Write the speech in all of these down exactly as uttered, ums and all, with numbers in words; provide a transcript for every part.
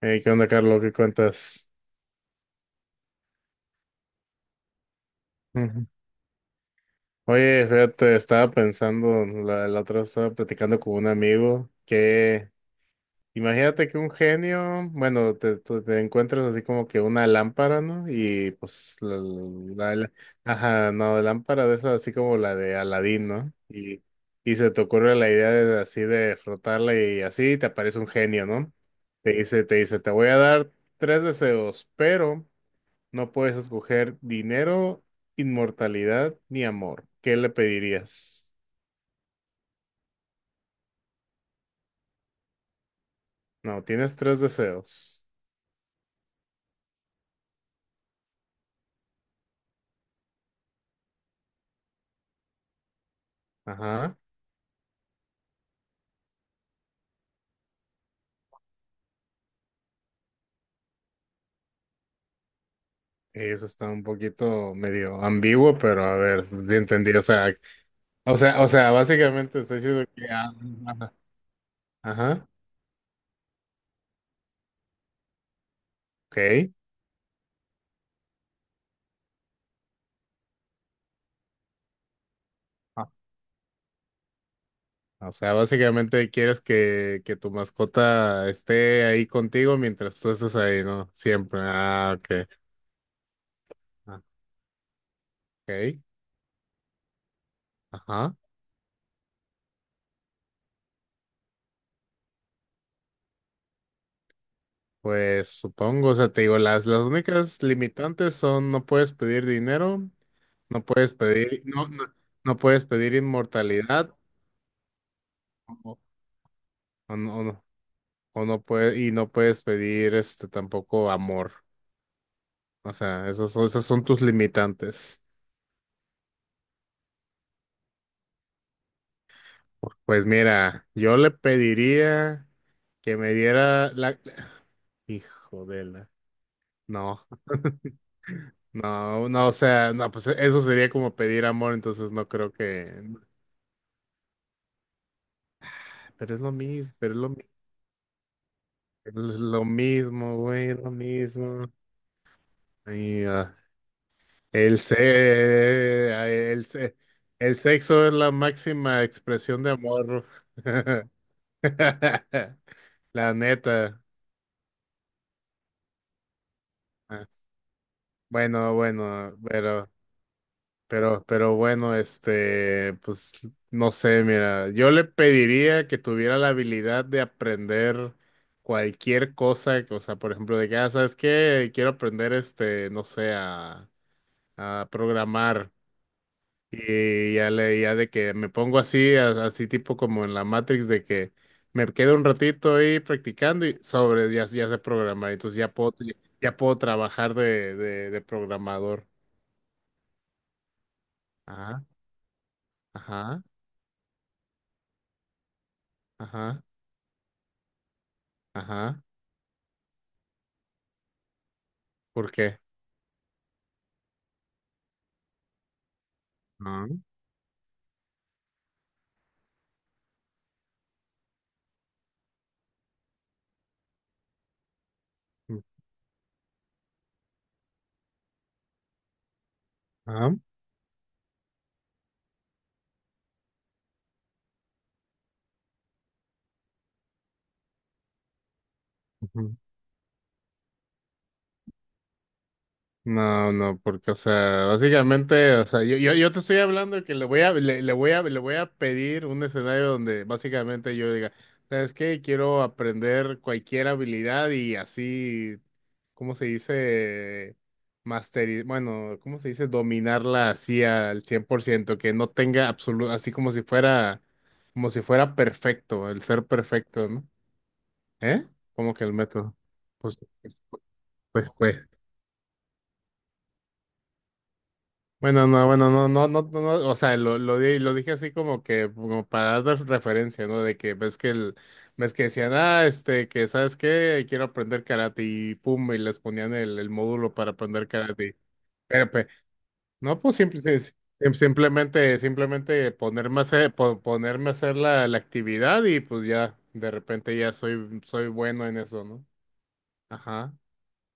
Hey, ¿qué onda, Carlos? ¿Qué cuentas? Ujú. Oye, fíjate, estaba pensando, la, la otra vez estaba platicando con un amigo que, imagínate que un genio, bueno, te, tú te encuentras así como que una lámpara, ¿no? Y pues, la, la- la- ajá, no, lámpara de esas así como la de Aladín, ¿no? Y, y se te ocurre la idea de, así de frotarla y así te aparece un genio, ¿no? Te dice, te dice, te voy a dar tres deseos, pero... No puedes escoger dinero, inmortalidad ni amor. ¿Qué le pedirías? No, tienes tres deseos. Ajá. Eso está un poquito medio ambiguo, pero a ver, si entendí. O sea, o sea, o sea, básicamente estoy diciendo que... ah, Ajá. Ajá. Ok. Ah. O sea, básicamente quieres que, que tu mascota esté ahí contigo mientras tú estés ahí, ¿no? Siempre. Ah, ok. Ah, ok. Ajá. Pues supongo, o sea, te digo, las, las únicas limitantes son no puedes pedir dinero, no puedes pedir, no, no, no puedes pedir inmortalidad, o, o no, o no, o no puede- y no puedes pedir este tampoco amor. O sea, esos son- esas son tus limitantes. Pues mira, yo le pediría que me diera la hijo de la. No. No, no, o sea, no, pues eso sería como pedir amor, entonces no creo que, pero es lo mismo, pero es lo, mi- es lo mismo, güey, es lo mismo. Y, ah, el, se ah, el, se- el sexo es la máxima expresión de amor. La neta. Ah, Bueno, bueno, pero Pero, pero bueno, este, pues no sé, mira, yo le pediría que tuviera la habilidad de aprender cualquier cosa, que, o sea, por ejemplo, de que, ah, ¿sabes qué? Quiero aprender, este, no sé, a, a, programar. Y ya le, ya de que me pongo así, a- así tipo como en la Matrix, de que me quedo un ratito ahí practicando y sobre, ya, ya sé programar, entonces ya puedo, ya puedo trabajar de, de, de programador. Ajá, ajá, ajá, ajá. ¿Por qué? Ah, mm, ah, ujú. No, no, porque, o sea, básicamente, o sea, yo, yo, yo te estoy hablando de que le voy a, le, le voy a, le voy a pedir un escenario donde básicamente yo diga, ¿sabes qué? Quiero aprender cualquier habilidad y así, ¿cómo se dice? Masterizar, bueno, ¿cómo se dice? Dominarla así al cien por ciento, que no tenga absoluto, así como si fuera, como si fuera perfecto, el ser perfecto, ¿no? ¿Eh? Como que el método. Pues. Pues, pues, bueno, no, bueno, no, no, no, no, no, o sea, lo, lo, di- lo dije así como que, como para dar referencia, ¿no? De que ves que el, ves que decían, ah, este, que, ¿sabes qué? Quiero aprender karate y pum, y les ponían el, el módulo para aprender karate. Pero, pues, no, pues, simple, sim- sim- simplemente, simplemente ponerme a hacer, po- ponerme a hacer la, la actividad y pues ya, de repente ya soy, soy, bueno en eso, ¿no? Ajá.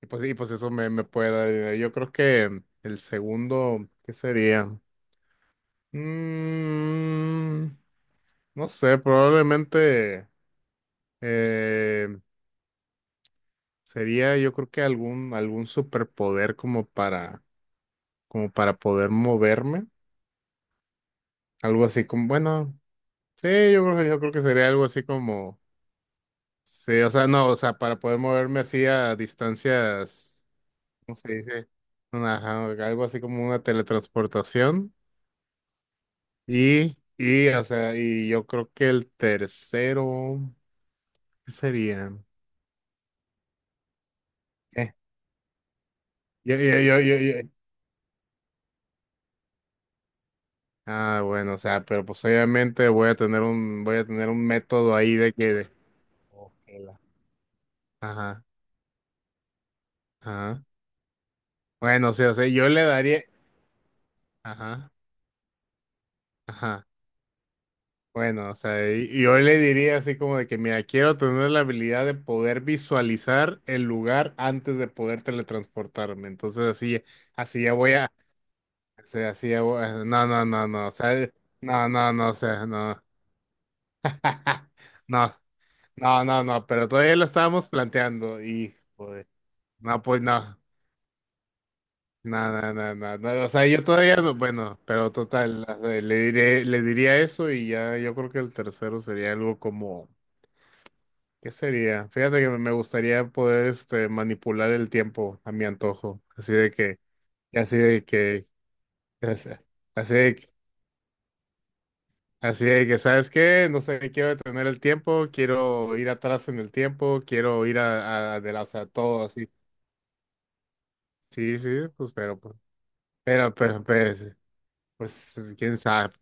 Y pues, y pues eso me, me puede dar, idea. Yo creo que el segundo, ¿qué sería? Mm, no sé, probablemente eh, sería yo creo que algún, algún superpoder como para, como para poder moverme. Algo así como, bueno, sí, yo creo, yo creo que sería algo así como, sí, o sea, no, o sea, para poder moverme así a distancias, ¿cómo se dice? Una- ajá, algo así como una teletransportación. Y, y, o sea, y yo creo que el tercero, ¿qué sería? Yo, yo, yo, yo, yo- Ah, bueno, o sea, pero pues obviamente voy a tener un, voy a tener un método ahí de que de- Ok. la- Ajá, ajá. Bueno, o sea, o sea, yo le daría, ajá, ajá. Bueno, o sea, y- yo le diría así como de que, mira, quiero tener la habilidad de poder visualizar el lugar antes de poder teletransportarme. Entonces así, así ya voy a, o sea, así ya voy a- no, no, no, no, o sea, no, no, no, o sea, no. No, no, no, no, pero todavía lo estábamos planteando y, joder, no, pues no, no, no, no, no, no, o sea, yo todavía no, bueno, pero total, eh, le diré, le diría eso y ya yo creo que el tercero sería algo como, ¿qué sería? Fíjate que me gustaría poder, este, manipular el tiempo a mi antojo, así de que, así de que, así así de que, así de que, ¿sabes qué? No sé, quiero detener el tiempo, quiero ir atrás en el tiempo, quiero ir a, a, a- de la- o sea, todo así. Sí, sí, pues, pero, pues, pero, pero, pues, pues, quién sabe.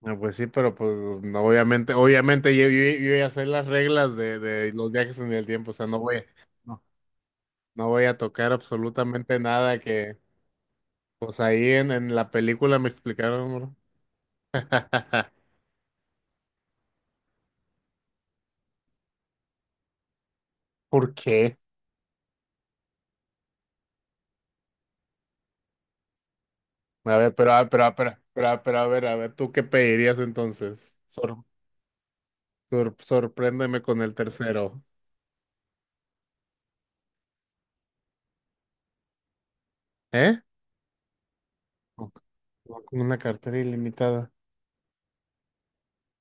No, pues sí, pero pues pues, no, obviamente, obviamente yo, yo, yo voy a hacer las reglas de, de, los viajes en el tiempo, o sea, no voy, no, no voy a tocar absolutamente nada que, pues ahí en, en la película me explicaron, bro. ¿Por qué? A ver, pero, a- pero, a- pero, pero, a- pero, a ver, a ver, ¿tú qué pedirías entonces? Sor, sor- sorpréndeme con el tercero, ¿eh? Ok, con una cartera ilimitada.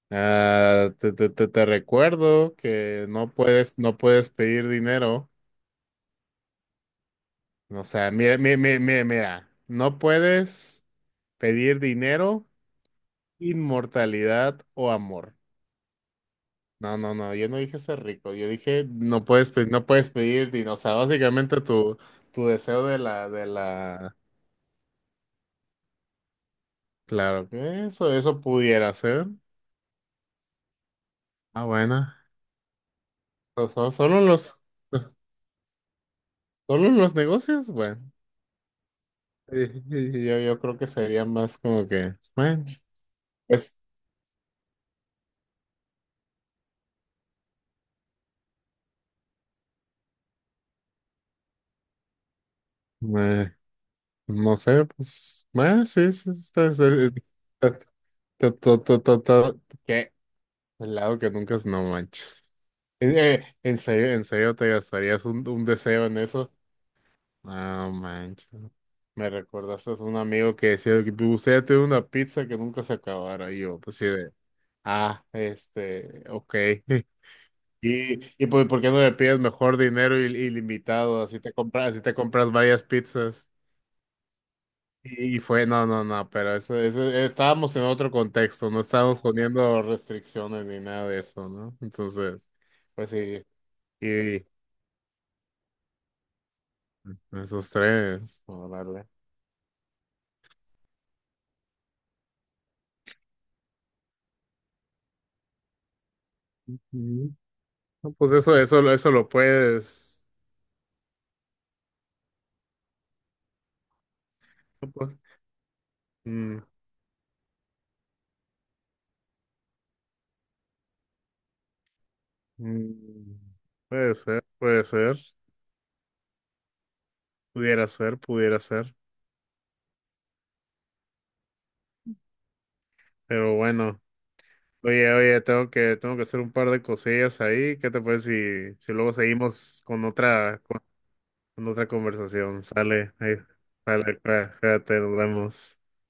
Ah, te, te, te, te recuerdo que no puedes, no puedes pedir dinero. O sea, mira, mira, mira, mira, mira. No puedes pedir dinero, inmortalidad o amor. No, no, no, yo no dije ser rico, yo dije no puedes, pe- no puedes pedir dinero. O sea, básicamente tu, tu deseo de la, de la, claro que eso, eso pudiera ser. Ah, bueno. So- so- Solo los, solo los negocios, bueno. Yo, yo creo que sería más como que, bueno. Pues, eh, no sé, pues, eh, sí, sí, está, está- está- está- está- está- está- está- ¿qué? El lado que nunca es, no manches. Eh, eh, ¿En serio, en serio te gastarías un, un deseo en eso? No manches. Me recordaste a un amigo que decía que me gustaría tener una pizza que nunca se acabara. Y yo, pues sí, de, ah, este, ok. Y, y pues, ¿por qué no le pides mejor dinero il- ilimitado? Así te compras, así te compras varias pizzas. Y fue, no, no, no, pero eso, eso, estábamos en otro contexto, no estábamos poniendo restricciones ni nada de eso, ¿no? Entonces, pues sí, y esos tres, órale. Ujú. No, pues eso, eso, lo- eso lo puedes, no, pues, mm, mm, puede ser, puede ser, pudiera ser, pudiera ser, pero bueno, oye, oye, tengo que, tengo que hacer un par de cosillas ahí, ¿qué te parece si, si, luego seguimos con otra? En otra conversación. Sale, ahí, sale, cuá- cuídate, nos vemos.